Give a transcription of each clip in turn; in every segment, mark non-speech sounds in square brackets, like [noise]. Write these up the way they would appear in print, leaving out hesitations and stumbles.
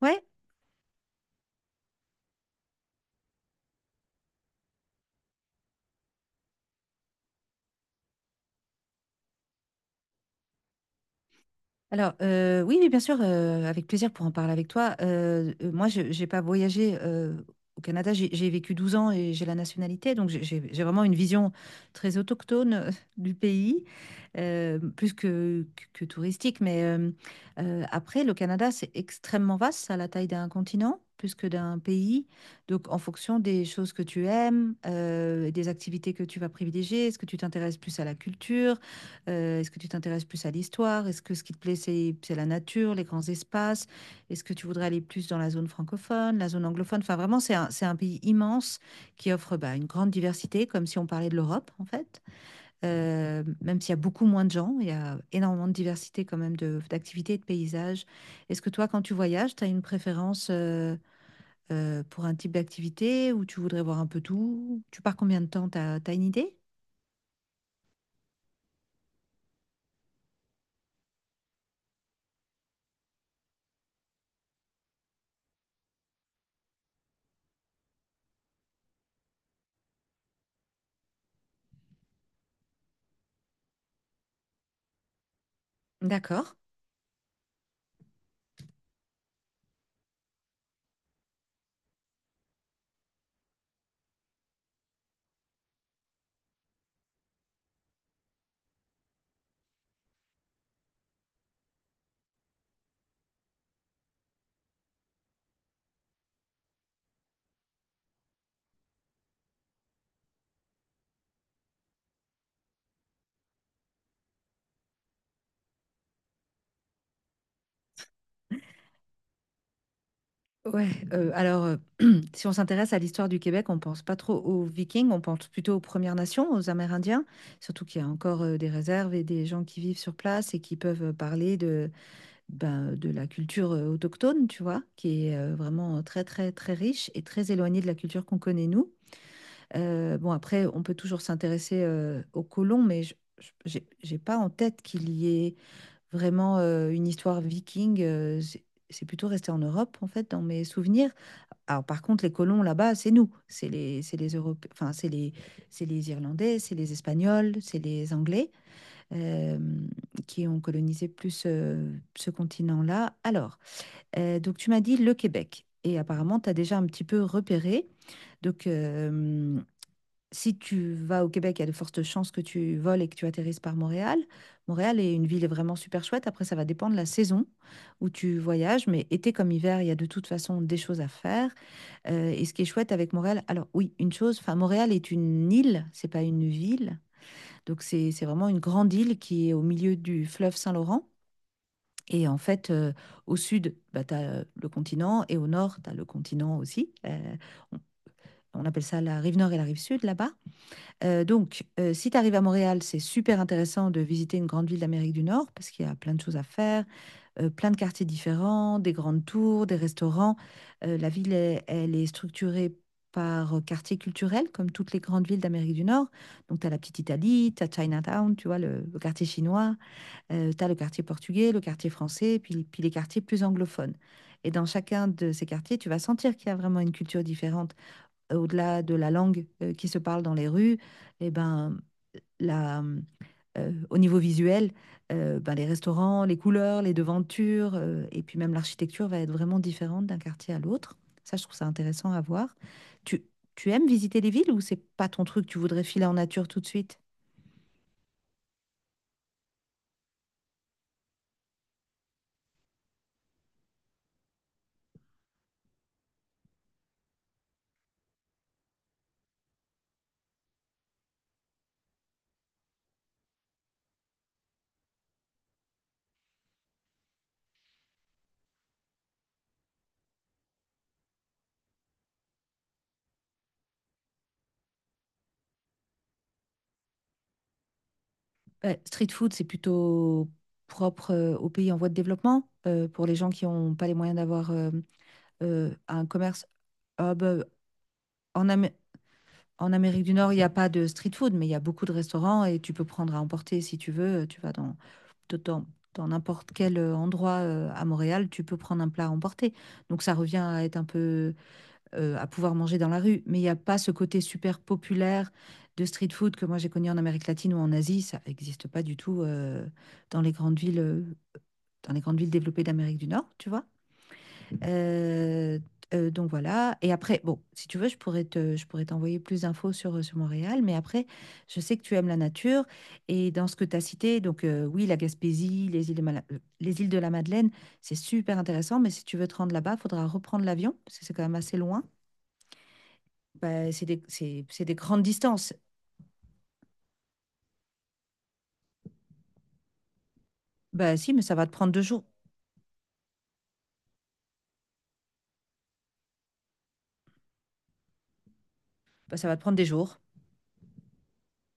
Ouais, alors oui, mais bien sûr, avec plaisir pour en parler avec toi. Moi, je n'ai pas voyagé au Canada, j'ai vécu 12 ans et j'ai la nationalité, donc j'ai vraiment une vision très autochtone [laughs] du pays, plus que touristique. Mais après, le Canada, c'est extrêmement vaste, ça a la taille d'un continent, plus que d'un pays. Donc, en fonction des choses que tu aimes, des activités que tu vas privilégier, est-ce que tu t'intéresses plus à la culture? Est-ce que tu t'intéresses plus à l'histoire? Est-ce que ce qui te plaît, c'est la nature, les grands espaces? Est-ce que tu voudrais aller plus dans la zone francophone, la zone anglophone? Enfin, vraiment, c'est un pays immense qui offre bah, une grande diversité, comme si on parlait de l'Europe, en fait. Même s'il y a beaucoup moins de gens, il y a énormément de diversité quand même d'activités et de paysages. Est-ce que toi, quand tu voyages, tu as une préférence pour un type d'activité ou tu voudrais voir un peu tout? Tu pars combien de temps? T'as une idée? D'accord. Ouais, alors, [clears throat] si on s'intéresse à l'histoire du Québec, on pense pas trop aux Vikings, on pense plutôt aux Premières Nations, aux Amérindiens, surtout qu'il y a encore, des réserves et des gens qui vivent sur place et qui peuvent, parler de, ben, de la culture, autochtone, tu vois? Qui est, vraiment très, très, très riche et très éloignée de la culture qu'on connaît nous. Bon après, on peut toujours s'intéresser, aux colons, mais je j'ai pas en tête qu'il y ait vraiment, une histoire viking, c'est plutôt resté en Europe en fait dans mes souvenirs. Alors, par contre, les colons là-bas, c'est nous, enfin, c'est les Irlandais, c'est les Espagnols, c'est les Anglais euh, qui ont colonisé plus ce continent-là. Alors, donc tu m'as dit le Québec, et apparemment, tu as déjà un petit peu repéré. Donc, si tu vas au Québec, il y a de fortes chances que tu voles et que tu atterrisses par Montréal. Montréal est une ville vraiment super chouette. Après, ça va dépendre de la saison où tu voyages, mais été comme hiver, il y a de toute façon des choses à faire. Et ce qui est chouette avec Montréal, alors oui, une chose, enfin Montréal est une île, c'est pas une ville. Donc c'est vraiment une grande île qui est au milieu du fleuve Saint-Laurent. Et en fait, au sud, bah, tu as le continent et au nord, tu as le continent aussi. On on appelle ça la rive nord et la rive sud là-bas. Si tu arrives à Montréal, c'est super intéressant de visiter une grande ville d'Amérique du Nord parce qu'il y a plein de choses à faire, plein de quartiers différents, des grandes tours, des restaurants. La ville, elle est structurée par quartier culturel, comme toutes les grandes villes d'Amérique du Nord. Donc, tu as la petite Italie, tu as Chinatown, tu vois, le quartier chinois. Tu as le quartier portugais, le quartier français, puis les quartiers plus anglophones. Et dans chacun de ces quartiers, tu vas sentir qu'il y a vraiment une culture différente au-delà de la langue qui se parle dans les rues, eh ben, la, au niveau visuel, ben, les restaurants, les couleurs, les devantures, et puis même l'architecture va être vraiment différente d'un quartier à l'autre. Ça, je trouve ça intéressant à voir. Tu, tu aimes visiter les villes ou c'est pas ton truc, tu voudrais filer en nature tout de suite? Street food, c'est plutôt propre aux pays en voie de développement, pour les gens qui n'ont pas les moyens d'avoir un commerce. Ah bah, en Am- en Amérique du Nord, il n'y a pas de street food, mais il y a beaucoup de restaurants et tu peux prendre à emporter si tu veux. Tu vas dans, dans n'importe quel endroit à Montréal, tu peux prendre un plat à emporter. Donc ça revient à être un peu à pouvoir manger dans la rue, mais il n'y a pas ce côté super populaire de street food que moi j'ai connu en Amérique latine ou en Asie. Ça n'existe pas du tout dans les grandes villes, euh, dans les grandes villes développées d'Amérique du Nord, tu vois. Euh, donc voilà. Et après, bon, si tu veux, je pourrais t'envoyer plus d'infos sur Montréal. Mais après, je sais que tu aimes la nature. Et dans ce que tu as cité, donc oui, la Gaspésie, les îles de la Madeleine, c'est super intéressant. Mais si tu veux te rendre là-bas, il faudra reprendre l'avion, parce que c'est quand même assez loin. Bah, c'est des grandes distances. Bah si, mais ça va te prendre 2 jours. Bah, ça va te prendre des jours.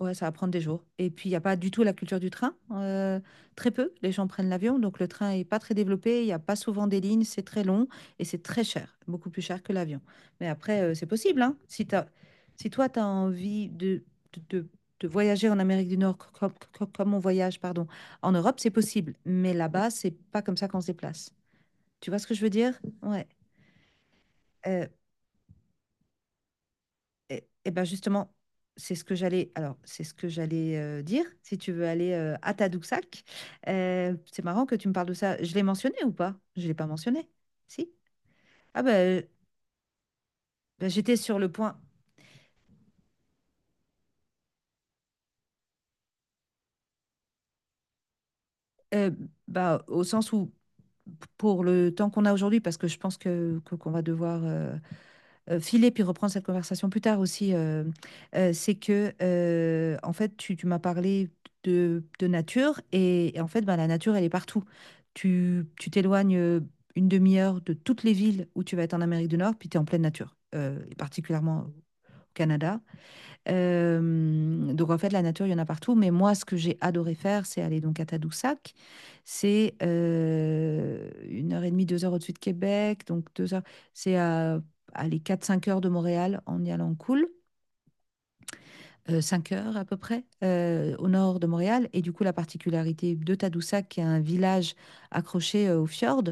Ouais, ça va prendre des jours. Et puis, il n'y a pas du tout la culture du train. Très peu, les gens prennent l'avion. Donc, le train n'est pas très développé. Il n'y a pas souvent des lignes. C'est très long et c'est très cher. Beaucoup plus cher que l'avion. Mais après, c'est possible, hein. Si toi, tu as envie de, de- de voyager en Amérique du Nord comme, on voyage, pardon, en Europe, c'est possible. Mais là-bas, c'est pas comme ça qu'on se déplace. Tu vois ce que je veux dire? Ouais. euh, eh ben justement, c'est ce que j'allais. Alors, c'est ce que j'allais dire. Si tu veux aller à Tadoussac, c'est marrant que tu me parles de ça. Je l'ai mentionné ou pas? Je l'ai pas mentionné. Si? Ah ben, ben, j'étais sur le point. euh, bah, au sens où pour le temps qu'on a aujourd'hui, parce que je pense qu'on va devoir filer puis reprendre cette conversation plus tard aussi, c'est que, en fait, tu m'as parlé de nature et en fait, ben, la nature, elle est partout. Tu t'éloignes une demi-heure de toutes les villes où tu vas être en Amérique du Nord, puis tu es en pleine nature, et particulièrement au Canada. Donc en fait, la nature, il y en a partout, mais moi, ce que j'ai adoré faire, c'est aller donc à Tadoussac. C'est, 1 heure et demie, 2 heures au-dessus de Québec, donc 2 heures c'est à, aller 4, 5 heures de Montréal en y allant cool, 5 heures à peu près, au nord de Montréal et du coup, la particularité de Tadoussac, qui est un village accroché, au fjord,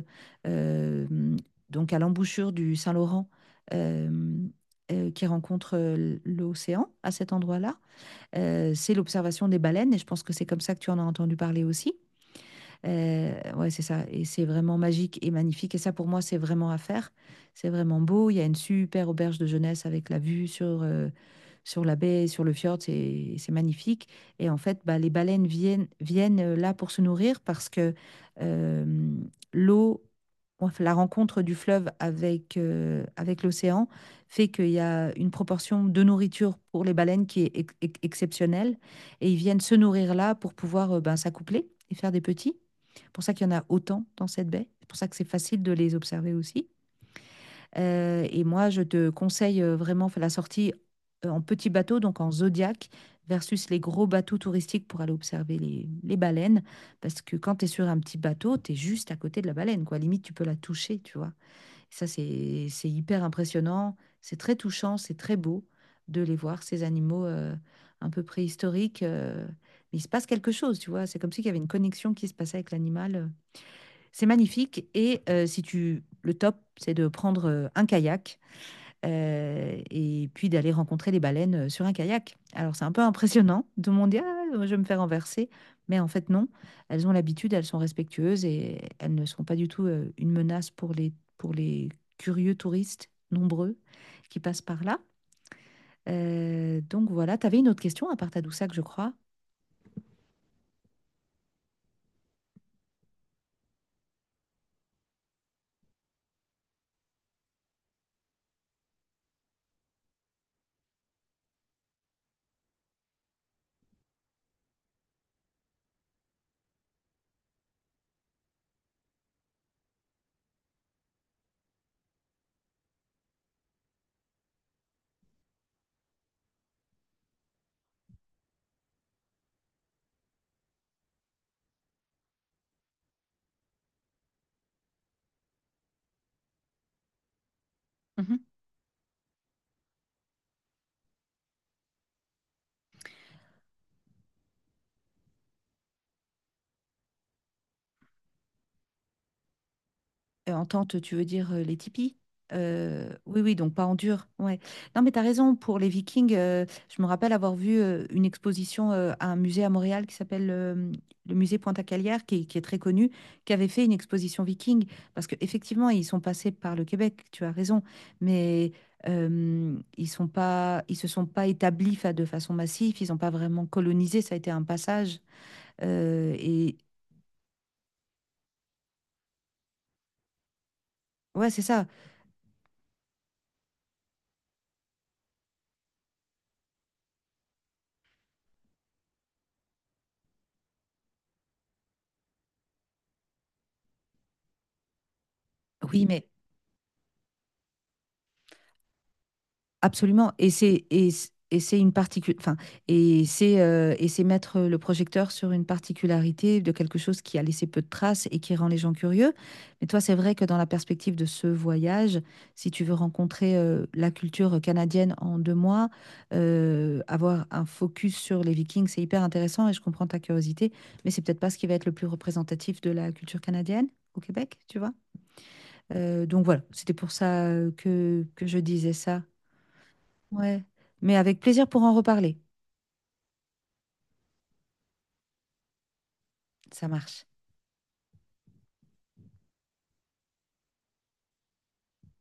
hem, donc à l'embouchure du Saint-Laurent, hem, qui rencontre, l'océan à cet endroit-là, c'est l'observation des baleines, et je pense que c'est comme ça que tu en as entendu parler aussi. Ouais, c'est ça. Et c'est vraiment magique et magnifique. Et ça, pour moi, c'est vraiment à faire. C'est vraiment beau. Il y a une super auberge de jeunesse avec la vue sur la baie, sur le fjord. C'est magnifique. Et en fait, bah, les baleines viennent là pour se nourrir parce que euh, l'eau, enfin, la rencontre du fleuve avec l'océan fait qu'il y a une proportion de nourriture pour les baleines qui est exceptionnelle. Et ils viennent se nourrir là pour pouvoir ben, s'accoupler et faire des petits. C'est pour ça qu'il y en a autant dans cette baie. C'est pour ça que c'est facile de les observer aussi. Et moi, je te conseille vraiment fais la sortie en petit bateau, donc en Zodiac, versus les gros bateaux touristiques pour aller observer les baleines. Parce que quand tu es sur un petit bateau, tu es juste à côté de la baleine, quoi. Limite, tu peux la toucher, tu vois. Et ça, c'est hyper impressionnant. C'est très touchant, c'est très beau de les voir, ces animaux un peu préhistoriques. Mais il se passe quelque chose, tu vois. C'est comme s'il y avait une connexion qui se passait avec l'animal. C'est magnifique. Et si tu, le top, c'est de prendre un kayak et puis d'aller rencontrer les baleines sur un kayak. Alors c'est un peu impressionnant [laughs] de me dire, ah, je vais me faire renverser, mais en fait non. Elles ont l'habitude, elles sont respectueuses et elles ne sont pas du tout une menace pour les curieux touristes nombreux qui passent par là. Donc voilà, tu avais une autre question à part Tadoussac, je crois. Mhm. En tente, tu veux dire les tipis? Oui, oui, donc pas en dur. Ouais. Non, mais tu as raison, pour les Vikings, je me rappelle avoir vu une exposition à un musée à Montréal qui s'appelle le musée Pointe-à-Calière, qui est très connu, qui avait fait une exposition Viking, parce qu'effectivement, ils sont passés par le Québec, tu as raison, mais ils se sont pas établis de façon massive, ils n'ont pas vraiment colonisé, ça a été un passage. Et ouais, c'est ça. Oui, mais... Absolument. Et c'est et, c- et c'est une particu- enfin, et c'est mettre le projecteur sur une particularité de quelque chose qui a laissé peu de traces et qui rend les gens curieux. Mais toi, c'est vrai que dans la perspective de ce voyage, si tu veux rencontrer la culture canadienne en 2 mois, avoir un focus sur les Vikings, c'est hyper intéressant et je comprends ta curiosité, mais c'est peut-être pas ce qui va être le plus représentatif de la culture canadienne au Québec, tu vois. Donc voilà, c'était pour ça que je disais ça. Ouais. Mais avec plaisir pour en reparler. Ça marche.